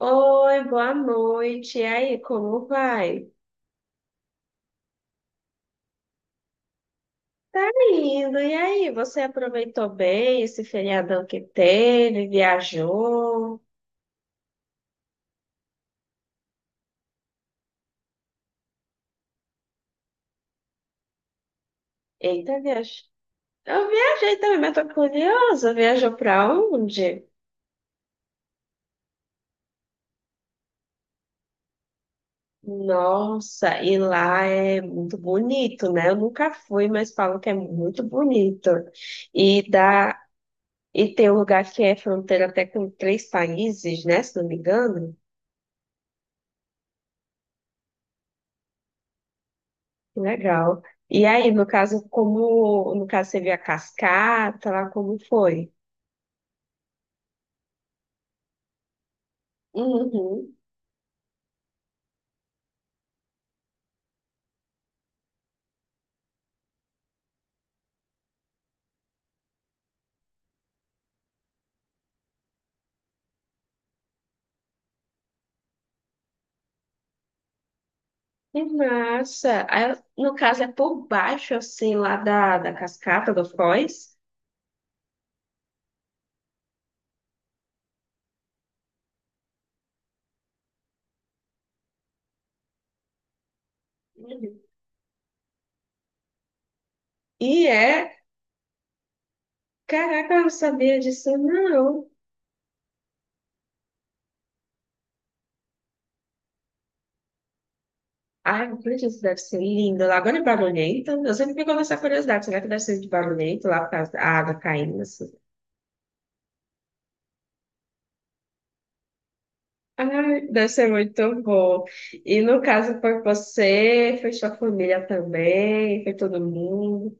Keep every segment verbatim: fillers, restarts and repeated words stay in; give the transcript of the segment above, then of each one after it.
Oi, boa noite. E aí, como vai? Tá indo. E aí, você aproveitou bem esse feriadão que teve? Viajou? Eita, viajou. Eu viajei também, mas tô curiosa. Viajou pra onde? Nossa, e lá é muito bonito, né? Eu nunca fui, mas falam que é muito bonito. E dá... e tem um lugar que é fronteira até com três países, né? Se não me engano. Que legal. E aí, no caso, como no caso você viu a cascata lá, como foi? Uhum. Que massa. Aí, no caso, é por baixo, assim, lá da, da cascata do Foz. Uhum. E é, caraca, eu não sabia disso, não. Ai, meu Deus, isso deve ser lindo lá. Agora é barulhento. Eu sempre fico com essa curiosidade. Será que deve ser de barulhento lá por causa da água caindo? Assim? Ai, deve ser muito bom. E no caso foi você, foi sua família também, foi todo mundo.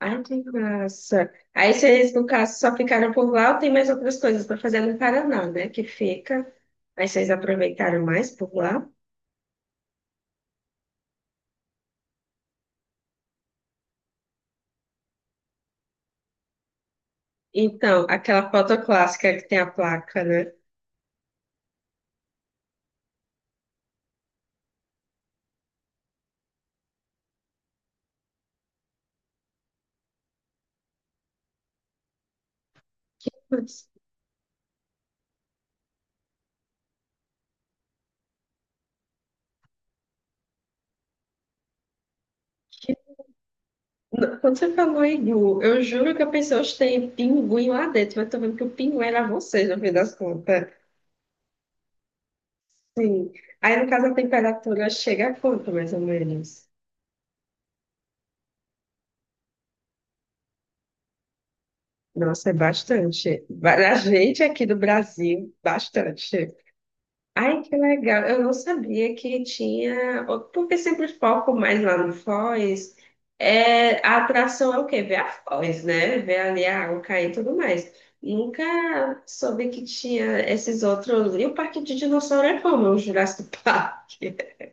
Ai, que massa. Aí vocês, no caso, só ficaram por lá ou tem mais outras coisas para fazer no Paraná, né? Que fica. Aí vocês aproveitaram mais por lá. Então, aquela foto clássica que tem a placa, né? Putz, que- quando você falou Igu, eu juro que eu pensei, hoje tem pinguim lá dentro, mas tô vendo que o pinguim era vocês, no fim das contas. Sim. Aí, no caso, a temperatura chega a quanto, mais ou menos? Nossa, é bastante. Para a gente aqui do Brasil, bastante. Ai, que legal. Eu não sabia que tinha. Porque sempre o foco mais lá no Foz. É... A atração é o quê? Ver a Foz, né? Ver ali a água cair e tudo mais. Nunca soube que tinha esses outros. E o Parque de Dinossauro é como? O Jurassic Park.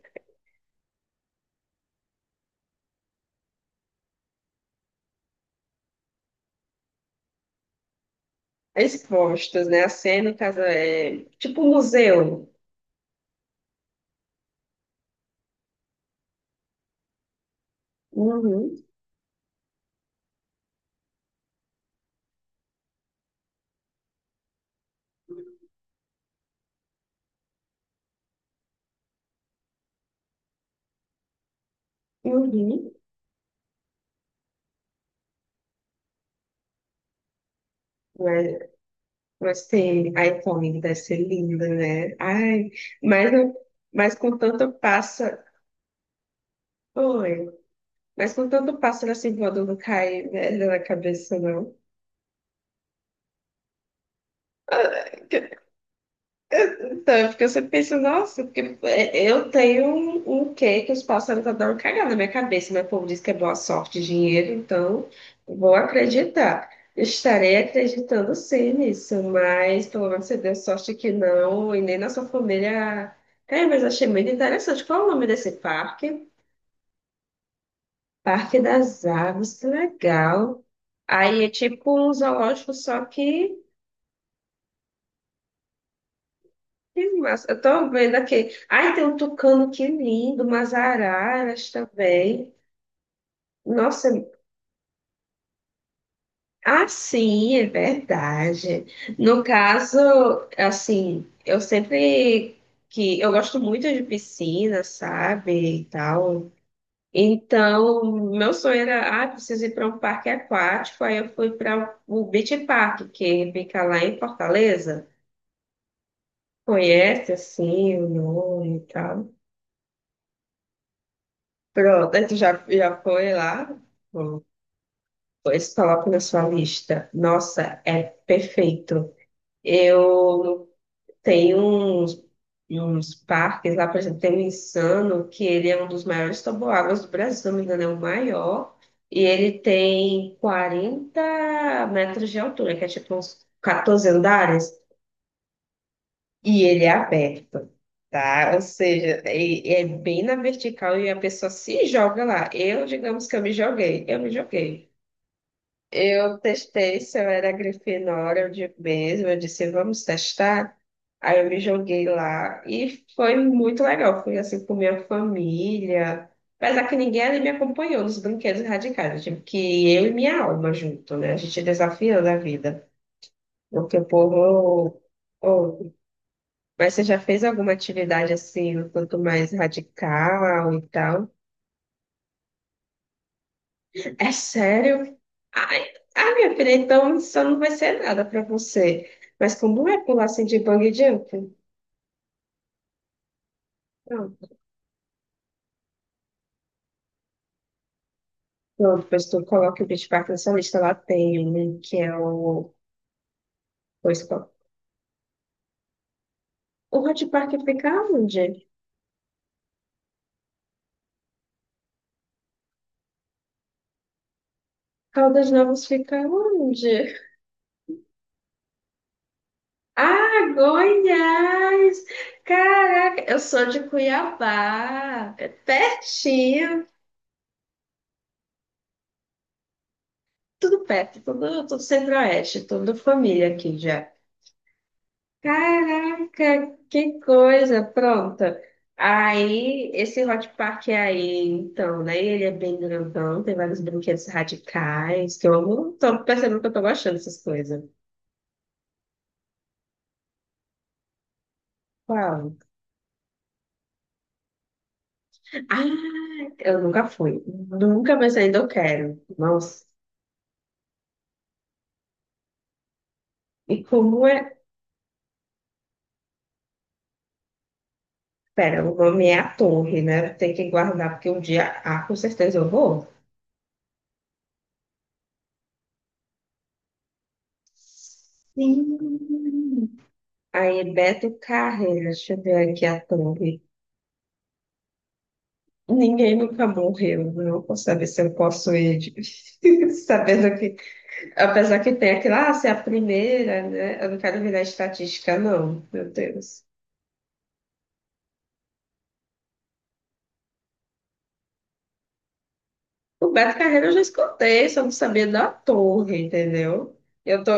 Expostos, né? A cena, no caso, é tipo um museu. Uhum, uhum. Mas, mas tem iPhone, deve ser linda, né? Ai, mas, eu- mas com tanto pássaro. Oi, mas com tanto pássaro assim voando não cai, velho, na cabeça, não. Então, é porque eu sempre penso, nossa, porque é, eu tenho um, um quê que os pássaros adoram cagar na minha cabeça. Meu povo diz que é boa sorte, dinheiro, então vou acreditar. Estarei acreditando sim nisso, mas pelo menos você deu sorte que não, e nem na sua família. Cara, mas achei muito interessante. Qual é o nome desse parque? Parque das Aves, que legal. Aí é tipo um zoológico, só que Que massa. Eu tô vendo aqui. Ai, tem um tucano que lindo, umas araras também. Nossa, ah, sim, é verdade. No caso, assim, eu sempre que eu gosto muito de piscina, sabe, e tal. Então, meu sonho era, ah, preciso ir para um parque aquático. Aí eu fui para o Beach Park, que fica lá em Fortaleza. Conhece, assim, o nome e tal. Pronto, aí tu já, já foi lá? Hum, Pois coloca na sua lista. Nossa, é perfeito. Eu tenho uns, uns parques lá, por exemplo, tem o Insano, que ele é um dos maiores toboáguas do Brasil, se não me engano, é o maior. E ele tem quarenta metros de altura, que é tipo uns quatorze andares, e ele é aberto. Tá? Ou seja, é, é bem na vertical e a pessoa se joga lá. Eu, digamos que eu me joguei, eu me joguei. Eu testei se eu era Grifinória, eu digo mesmo, eu disse, vamos testar. Aí eu me joguei lá e foi muito legal. Fui assim com minha família, apesar que ninguém ali me acompanhou nos brinquedos radicais. Eu tive que ir eu e minha alma junto, né? A gente desafiando a vida. Porque o povo. Oh, mas você já fez alguma atividade assim, um tanto mais radical e tal? É sério? Ai, ah, minha filha, então isso não vai ser nada pra você. Mas como é pular assim de bungee jump? Pronto, pronto, depois tu coloca o Beach Park na sua lista. Lá tem um que é o... Pois, qual? O Hot Park fica onde? Caldas Novas fica onde? Ah, Goiás! Caraca, eu sou de Cuiabá. É pertinho. Tudo perto, tudo, tudo centro-oeste, tudo família aqui já. Caraca, que coisa, pronta. Aí, esse Hot Park é aí, então, né? Ele é bem grandão, tem vários brinquedos radicais, que eu amo. Tô percebendo que eu tô gostando dessas coisas. Qual? Ah, eu nunca fui. Nunca, mas ainda eu quero. Nossa. E como é? Pera, o nome é a Torre, né? Tem que guardar, porque um dia, ah, com certeza eu vou. Sim. Aí, Beto Carreira, deixa eu ver aqui a thumb. Ninguém nunca morreu, não vou saber se eu posso ir, de- sabendo que, apesar que tem aquilo, ah, se é a primeira, né? Eu não quero virar estatística, não, meu Deus. O Beto Carreira eu já escutei, só não sabia da torre, entendeu? Eu tô,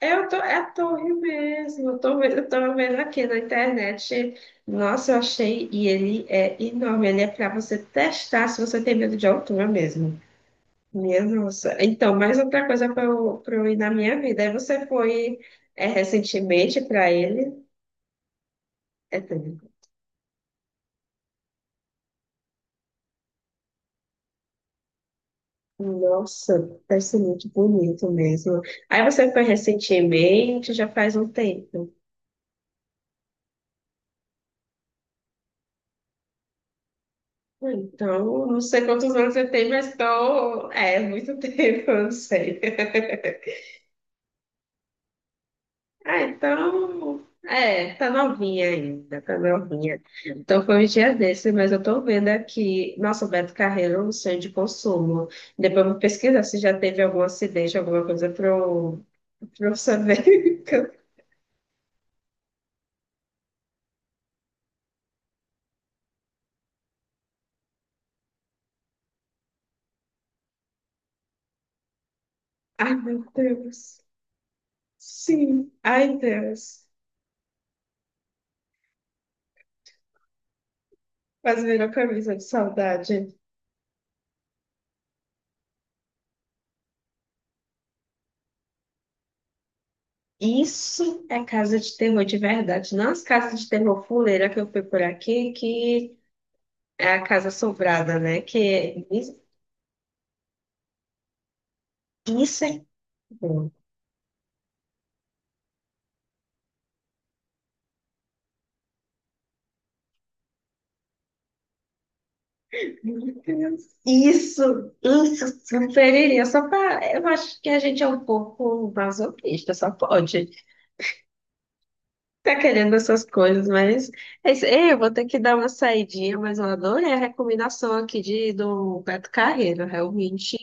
eu tô, é a torre mesmo, eu tô, vendo- eu tô vendo aqui na internet, nossa, eu achei, e ele é enorme, ele é pra você testar se você tem medo de altura mesmo. Minha nossa. Então, mais outra coisa para eu, pra eu ir na minha vida. Aí você foi é, recentemente para ele. É, tudo. Nossa, deve ser muito bonito mesmo. Aí você foi recentemente, já faz um tempo. Então, não sei quantos anos você tem, mas tô... É, muito tempo, eu não sei. Ah, então. É, tá novinha ainda, tá novinha. Então foi um dia desse, mas eu tô vendo aqui. Nossa, o Beto Carreiro, é um sonho de consumo. Depois eu vou pesquisar se já teve algum acidente, alguma coisa pra eu, pra eu saber. Ai, meu Deus. Sim, ai, Deus. Quase virou camisa de saudade. Isso é casa de terror de verdade, não as casas de terror fuleira que eu fui por aqui, que é a casa assombrada, né? Que é isso é Isso, isso, superiria. Só pra, eu acho que a gente é um pouco masoquista, só pode. Tá querendo essas coisas, mas é isso. Ei, eu vou ter que dar uma saidinha, mas eu adorei a recomendação aqui de, do Beto Carreiro. Realmente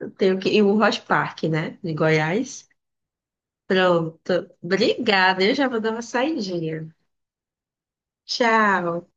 eu tenho que. E o Rock Park, né? De Goiás. Pronto. Obrigada. Eu já vou dar uma saidinha. Tchau.